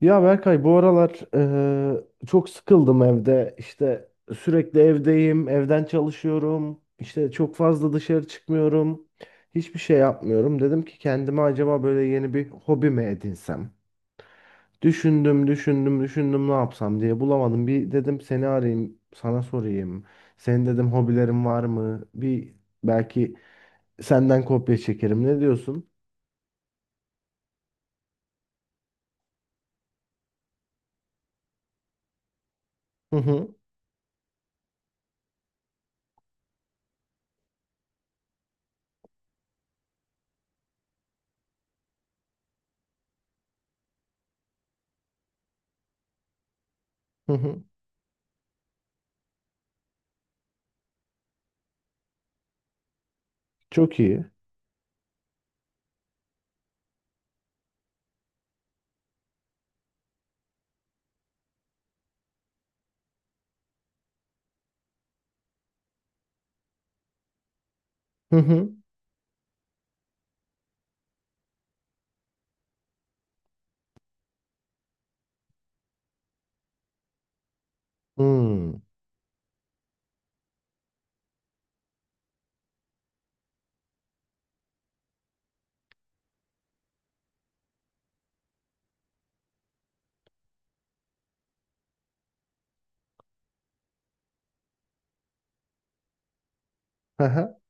Ya Berkay bu aralar çok sıkıldım evde. İşte sürekli evdeyim, evden çalışıyorum. İşte çok fazla dışarı çıkmıyorum. Hiçbir şey yapmıyorum. Dedim ki kendime acaba böyle yeni bir hobi mi edinsem? Düşündüm, düşündüm, düşündüm ne yapsam diye bulamadım. Bir dedim seni arayayım, sana sorayım. Senin dedim hobilerin var mı? Bir belki senden kopya çekerim. Ne diyorsun? Hı hı, hı hı. Çok iyi. Hı hı. Hmm.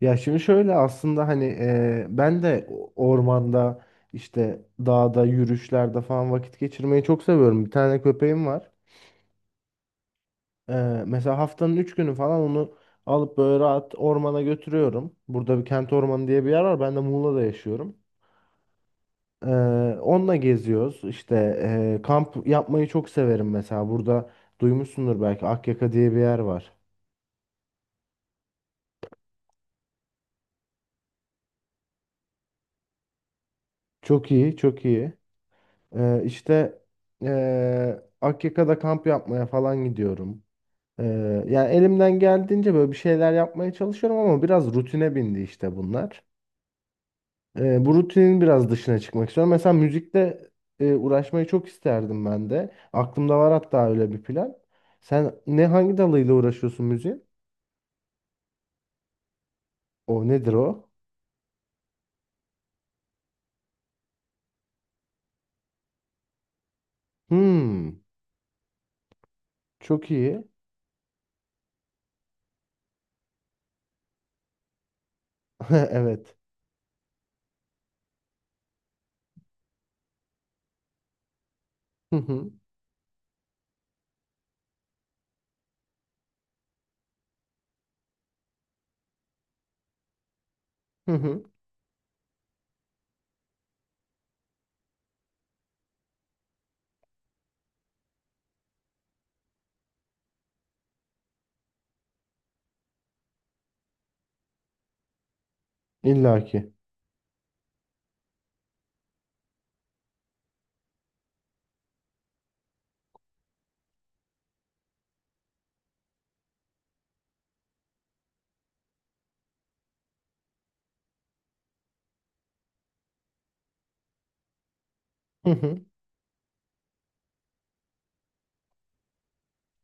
Ya şimdi şöyle aslında hani ben de ormanda işte dağda yürüyüşlerde falan vakit geçirmeyi çok seviyorum. Bir tane köpeğim var. E, mesela haftanın 3 günü falan onu alıp böyle rahat ormana götürüyorum. Burada bir kent ormanı diye bir yer var. Ben de Muğla'da yaşıyorum. E, onunla geziyoruz. İşte kamp yapmayı çok severim mesela. Burada duymuşsundur belki Akyaka diye bir yer var. Çok iyi, çok iyi. İşte Akyaka'da kamp yapmaya falan gidiyorum. Yani elimden geldiğince böyle bir şeyler yapmaya çalışıyorum ama biraz rutine bindi işte bunlar. Bu rutinin biraz dışına çıkmak istiyorum. Mesela müzikle uğraşmayı çok isterdim ben de. Aklımda var hatta öyle bir plan. Sen ne hangi dalıyla uğraşıyorsun müziğin? O nedir o? Hmm, çok iyi. Evet. Hı hı. Hı hı. İlla ki. Hı hı.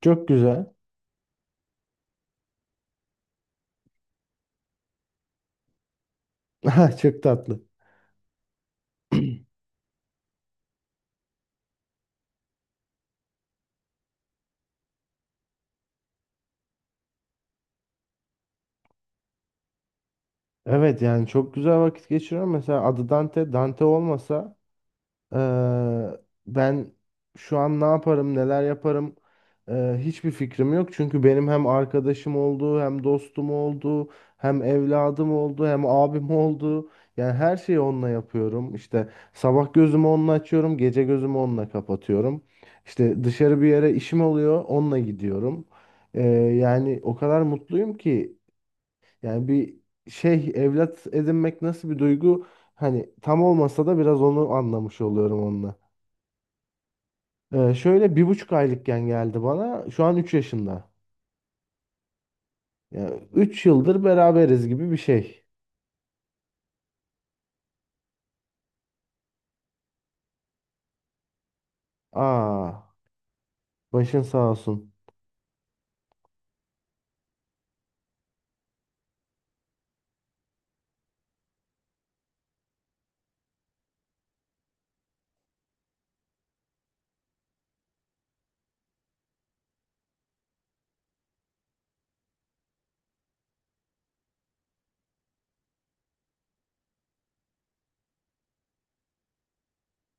Çok güzel. Çok tatlı. Evet yani çok güzel vakit geçiriyorum. Mesela adı Dante. Dante olmasa eee, ben şu an ne yaparım, neler yaparım hiçbir fikrim yok. Çünkü benim hem arkadaşım oldu, hem dostum oldu, hem evladım oldu, hem abim oldu. Yani her şeyi onunla yapıyorum. İşte sabah gözümü onunla açıyorum, gece gözümü onunla kapatıyorum. İşte dışarı bir yere işim oluyor, onunla gidiyorum. Eee, yani o kadar mutluyum ki. Yani bir şey evlat edinmek nasıl bir duygu? Hani tam olmasa da biraz onu anlamış oluyorum onunla. Şöyle 1,5 aylıkken geldi bana. Şu an 3 yaşında. Yani 3 yıldır beraberiz gibi bir şey. Aa, başın sağ olsun.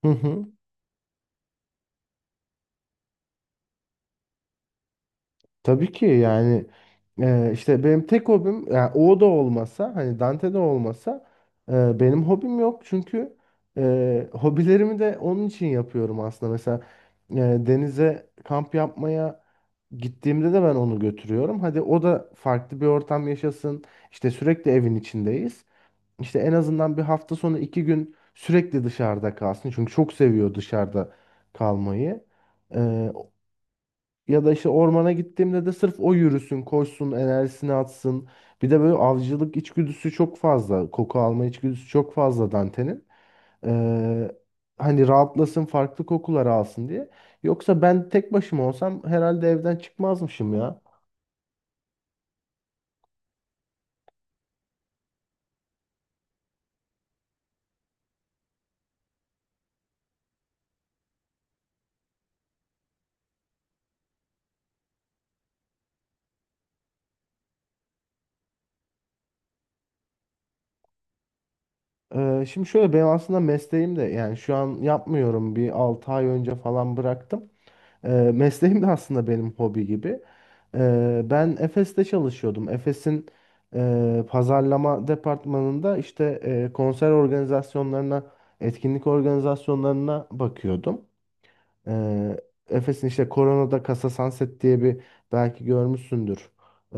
Tabii ki yani işte benim tek hobim yani o da olmasa hani Dante de olmasa benim hobim yok çünkü hobilerimi de onun için yapıyorum aslında. Mesela e, denize kamp yapmaya gittiğimde de ben onu götürüyorum. Hadi o da farklı bir ortam yaşasın. İşte sürekli evin içindeyiz. İşte en azından bir hafta sonu 2 gün sürekli dışarıda kalsın. Çünkü çok seviyor dışarıda kalmayı. E, ya da işte ormana gittiğimde de sırf o yürüsün, koşsun, enerjisini atsın. Bir de böyle avcılık içgüdüsü çok fazla. Koku alma içgüdüsü çok fazla Dante'nin. Ee, hani rahatlasın, farklı kokular alsın diye. Yoksa ben tek başıma olsam herhalde evden çıkmazmışım ya. Şimdi şöyle benim aslında mesleğim de yani şu an yapmıyorum. Bir 6 ay önce falan bıraktım. Ee, mesleğim de aslında benim hobi gibi. Ben Efes'te çalışıyordum. Efes'in pazarlama departmanında işte konser organizasyonlarına, etkinlik organizasyonlarına bakıyordum. Ee, Efes'in işte Corona'da Casa Sunset diye bir belki görmüşsündür. Ee,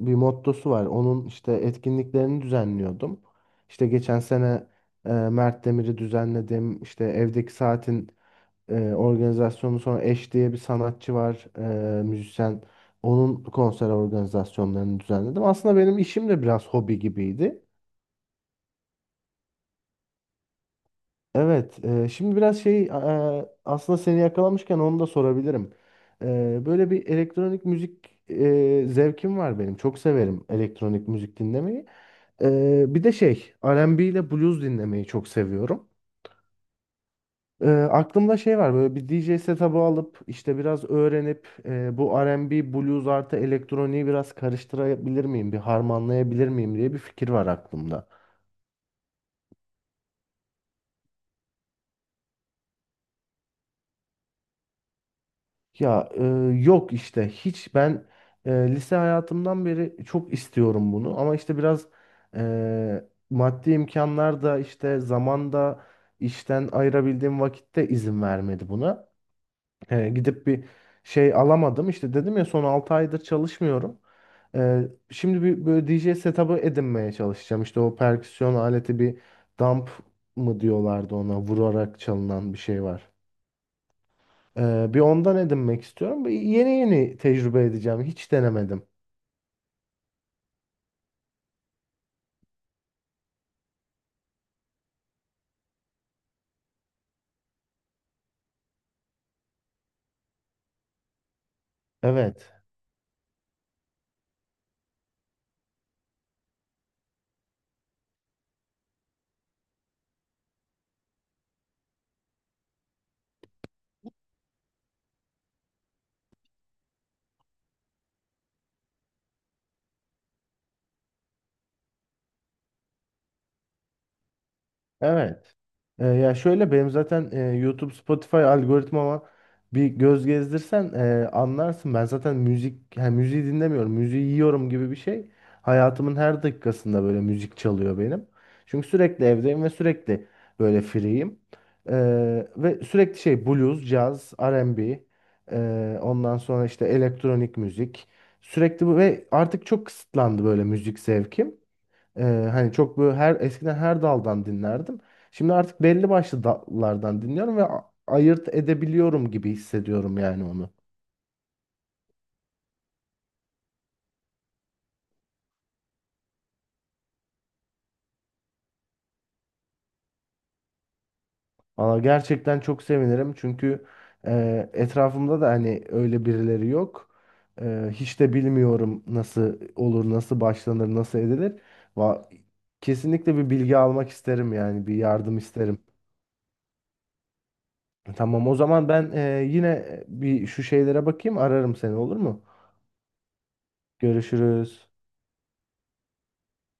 bir mottosu var. Onun işte etkinliklerini düzenliyordum. İşte geçen sene Mert Demir'i düzenledim. İşte evdeki saatin organizasyonu sonra Eş diye bir sanatçı var, müzisyen. Onun konser organizasyonlarını düzenledim. Aslında benim işim de biraz hobi gibiydi. Evet, şimdi biraz şey aslında seni yakalamışken onu da sorabilirim. E, böyle bir elektronik müzik zevkim var benim. Çok severim elektronik müzik dinlemeyi. E, bir de şey R&B ile blues dinlemeyi çok seviyorum. E, aklımda şey var böyle bir DJ setup'ı alıp işte biraz öğrenip bu R&B, blues artı elektroniği biraz karıştırabilir miyim, bir harmanlayabilir miyim diye bir fikir var aklımda. Ya yok işte hiç ben lise hayatımdan beri çok istiyorum bunu ama işte biraz e, maddi imkanlar da işte zamanda işten ayırabildiğim vakitte izin vermedi buna. E, gidip bir şey alamadım. İşte dedim ya son 6 aydır çalışmıyorum. E, şimdi bir böyle D J setup'ı edinmeye çalışacağım. İşte o perküsyon aleti bir dump mı diyorlardı ona vurarak çalınan bir şey var. E, bir ondan edinmek istiyorum. Bir yeni yeni tecrübe edeceğim. Hiç denemedim. Evet. Evet. E, ya şöyle benim zaten YouTube, Spotify algoritmama bir göz gezdirsen anlarsın. Ben zaten müzik, yani müziği dinlemiyorum, müziği yiyorum gibi bir şey. Hayatımın her dakikasında böyle müzik çalıyor benim. Çünkü sürekli evdeyim ve sürekli böyle free'yim. E, ve sürekli şey blues, caz, R&B, ondan sonra işte elektronik müzik. Sürekli bu ve artık çok kısıtlandı böyle müzik zevkim. Ee, hani çok böyle her eskiden her daldan dinlerdim. Şimdi artık belli başlı dallardan dinliyorum ve ayırt edebiliyorum gibi hissediyorum yani onu. Valla gerçekten çok sevinirim çünkü etrafımda da hani öyle birileri yok. E, hiç de bilmiyorum nasıl olur, nasıl başlanır, nasıl edilir. Va kesinlikle bir bilgi almak isterim yani bir yardım isterim. Tamam o zaman ben yine bir şu şeylere bakayım ararım seni olur mu? Görüşürüz.